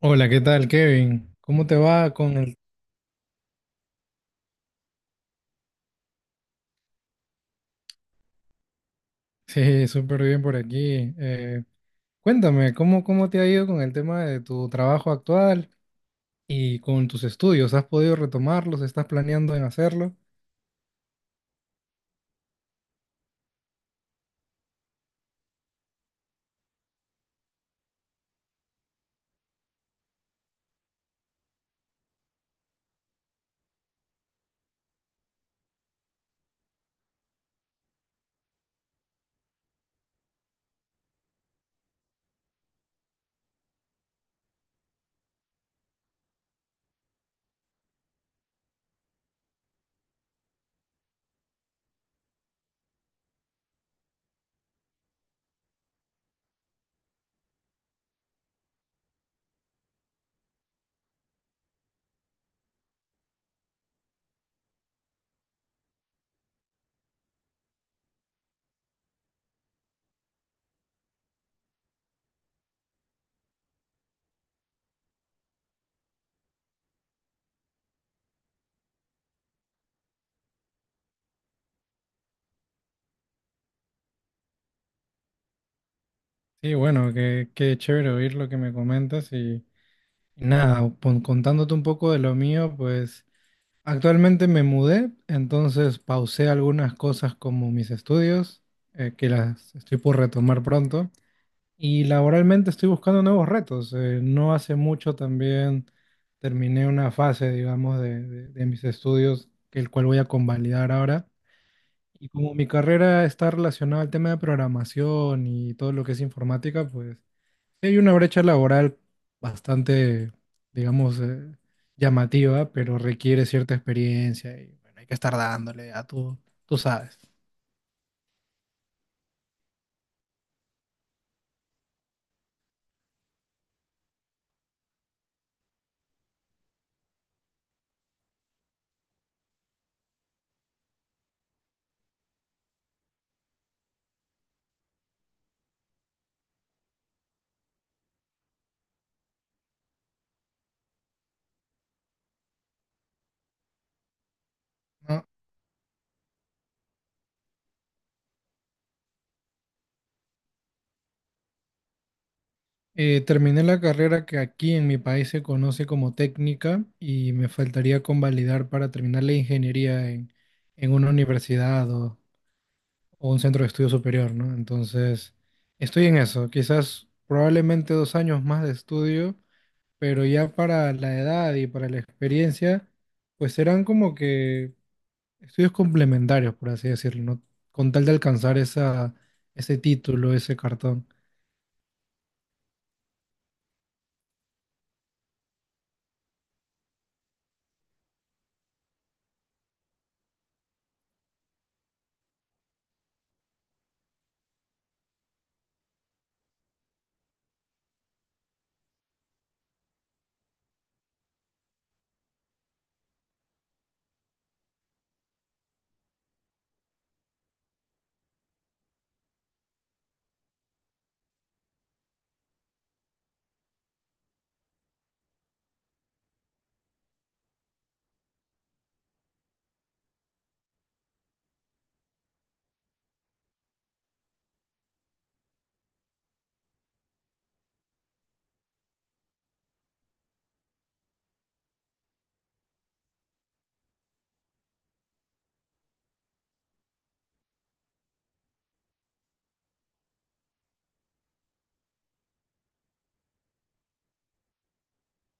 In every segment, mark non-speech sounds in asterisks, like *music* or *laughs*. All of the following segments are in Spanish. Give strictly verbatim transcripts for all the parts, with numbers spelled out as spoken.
Hola, ¿qué tal, Kevin? ¿Cómo te va con el... *laughs* Sí, súper bien por aquí. Eh, cuéntame, ¿cómo, cómo te ha ido con el tema de tu trabajo actual y con tus estudios? ¿Has podido retomarlos? ¿Estás planeando en hacerlo? Sí, bueno, qué, qué chévere oír lo que me comentas y, y nada, pon- contándote un poco de lo mío, pues actualmente me mudé, entonces pausé algunas cosas como mis estudios, eh, que las estoy por retomar pronto. Y laboralmente estoy buscando nuevos retos. Eh, no hace mucho también terminé una fase, digamos, de, de- de mis estudios, que el cual voy a convalidar ahora. Y como mi carrera está relacionada al tema de programación y todo lo que es informática, pues sí hay una brecha laboral bastante, digamos, eh, llamativa, pero requiere cierta experiencia y bueno, hay que estar dándole a tú, tú sabes, ¿no? Eh, terminé la carrera que aquí en mi país se conoce como técnica y me faltaría convalidar para terminar la ingeniería en, en una universidad o, o un centro de estudio superior, ¿no? Entonces, estoy en eso, quizás probablemente dos años más de estudio, pero ya para la edad y para la experiencia, pues serán como que estudios complementarios, por así decirlo, ¿no? Con tal de alcanzar esa, ese título, ese cartón.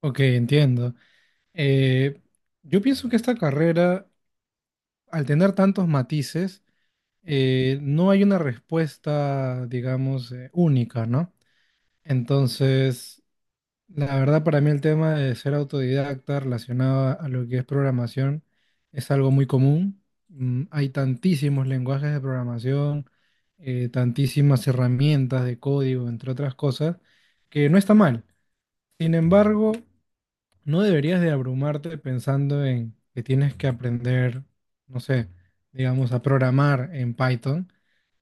Ok, entiendo. Eh, yo pienso que esta carrera, al tener tantos matices, eh, no hay una respuesta, digamos, eh, única, ¿no? Entonces, la verdad para mí el tema de ser autodidacta relacionado a a lo que es programación es algo muy común. Mm, hay tantísimos lenguajes de programación, eh, tantísimas herramientas de código, entre otras cosas, que no está mal. Sin embargo, no deberías de abrumarte pensando en que tienes que aprender, no sé, digamos, a programar en Python,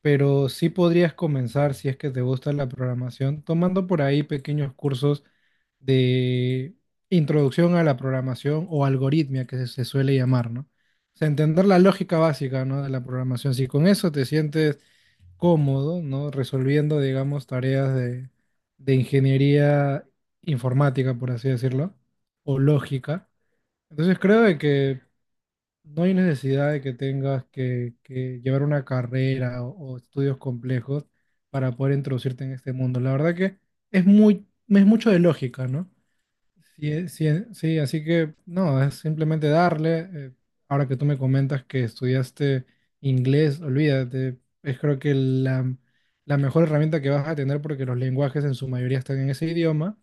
pero sí podrías comenzar, si es que te gusta la programación, tomando por ahí pequeños cursos de introducción a la programación o algoritmia que se se suele llamar, ¿no? O sea, entender la lógica básica, ¿no?, de la programación. Si con eso te sientes cómodo, ¿no? Resolviendo, digamos, tareas de, de ingeniería informática, por así decirlo, o lógica. Entonces creo de que no hay necesidad de que tengas que, que llevar una carrera o, o estudios complejos para poder introducirte en este mundo. La verdad que es muy, es mucho de lógica, ¿no? Sí, eh, sí, eh, sí, así que no, es simplemente darle. Eh, ahora que tú me comentas que estudiaste inglés, olvídate, es creo que la, la mejor herramienta que vas a tener porque los lenguajes en su mayoría están en ese idioma,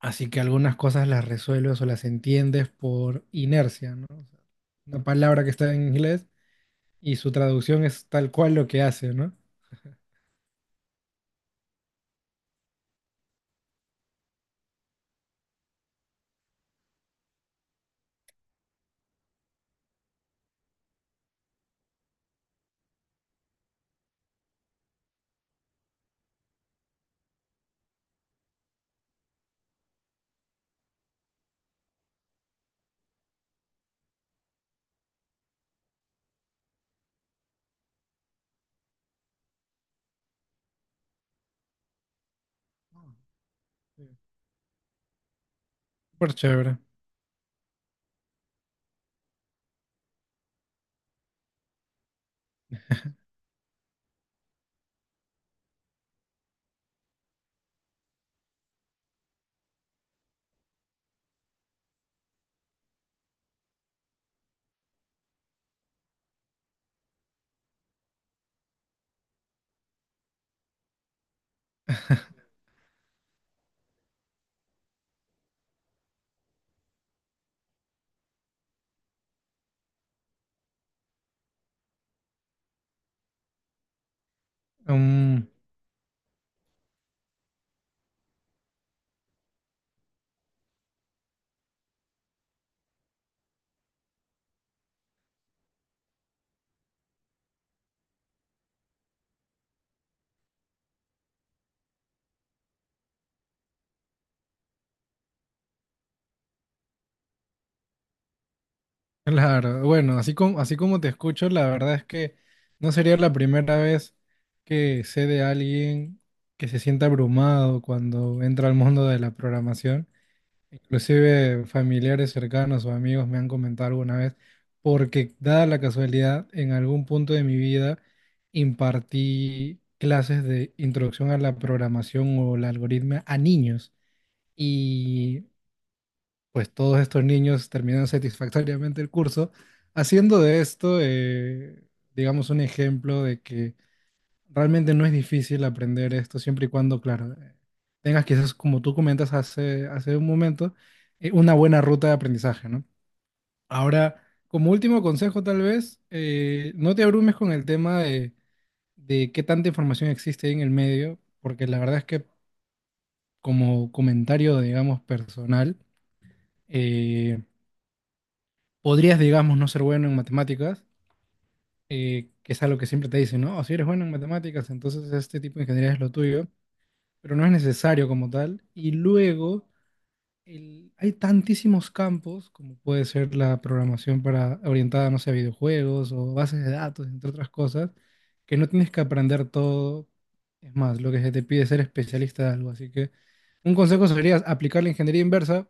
así que algunas cosas las resuelves o las entiendes por inercia, ¿no? O sea, una palabra que está en inglés y su traducción es tal cual lo que hace, ¿no? Sí. Súper chévere. Claro, bueno, así como, así como te escucho, la verdad es que no sería la primera vez que sé de alguien que se sienta abrumado cuando entra al mundo de la programación. Inclusive familiares cercanos o amigos me han comentado alguna vez, porque dada la casualidad, en algún punto de mi vida impartí clases de introducción a la programación o la algoritmia a niños. Y pues todos estos niños terminan satisfactoriamente el curso, haciendo de esto, eh, digamos, un ejemplo de que realmente no es difícil aprender esto siempre y cuando, claro, eh, tengas quizás, como tú comentas hace, hace un momento, eh, una buena ruta de aprendizaje, ¿no? Ahora, como último consejo, tal vez, eh, no te abrumes con el tema de, de qué tanta información existe ahí en el medio, porque la verdad es que como comentario, digamos, personal, eh, podrías, digamos, no ser bueno en matemáticas, eh, que es algo que siempre te dicen, ¿no? O si eres bueno en matemáticas, entonces este tipo de ingeniería es lo tuyo, pero no es necesario como tal. Y luego, el- hay tantísimos campos, como puede ser la programación para, orientada, no sé, a videojuegos o bases de datos, entre otras cosas, que no tienes que aprender todo. Es más, lo que se te pide es ser especialista de algo. Así que un consejo sería aplicar la ingeniería inversa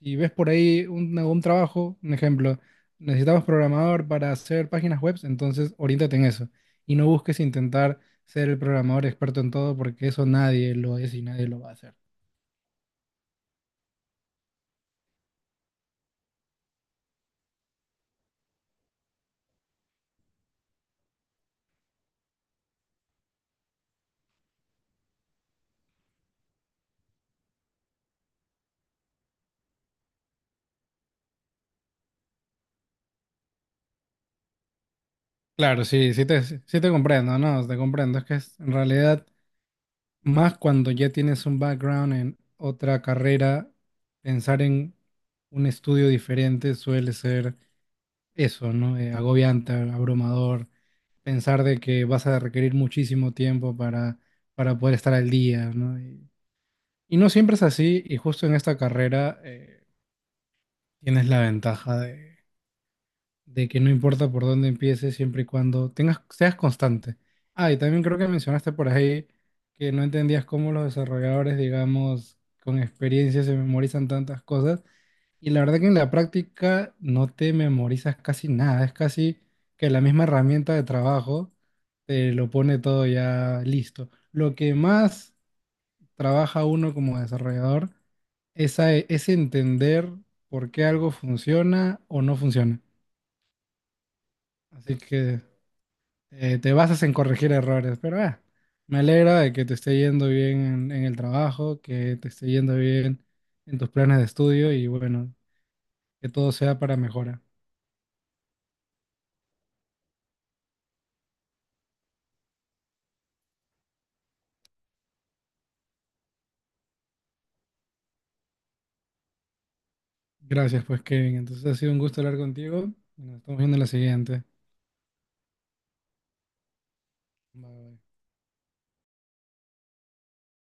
y ves por ahí un, un trabajo, un ejemplo, necesitamos programador para hacer páginas web, entonces oriéntate en eso. Y no busques intentar ser el programador experto en todo, porque eso nadie lo es y nadie lo va a hacer. Claro, sí, sí te, sí te comprendo, no, te comprendo. Es que es, en realidad, más cuando ya tienes un background en otra carrera, pensar en un estudio diferente suele ser eso, ¿no? Eh, agobiante, abrumador pensar de que vas a requerir muchísimo tiempo para, para poder estar al día, ¿no? Y, y no siempre es así, y justo en esta carrera eh, tienes la ventaja de, de que no importa por dónde empieces, siempre y cuando tengas, seas constante. Ah, y también creo que mencionaste por ahí que no entendías cómo los desarrolladores, digamos, con experiencia se memorizan tantas cosas. Y la verdad que en la práctica no te memorizas casi nada, es casi que la misma herramienta de trabajo te lo pone todo ya listo. Lo que más trabaja uno como desarrollador es, a- es entender por qué algo funciona o no funciona. Así que eh, te basas en corregir errores, pero ah, me alegra de que te esté yendo bien en, en el trabajo, que te esté yendo bien en tus planes de estudio y bueno, que todo sea para mejora. Gracias, pues Kevin. Entonces ha sido un gusto hablar contigo. Nos estamos viendo en la siguiente. Bye, bye.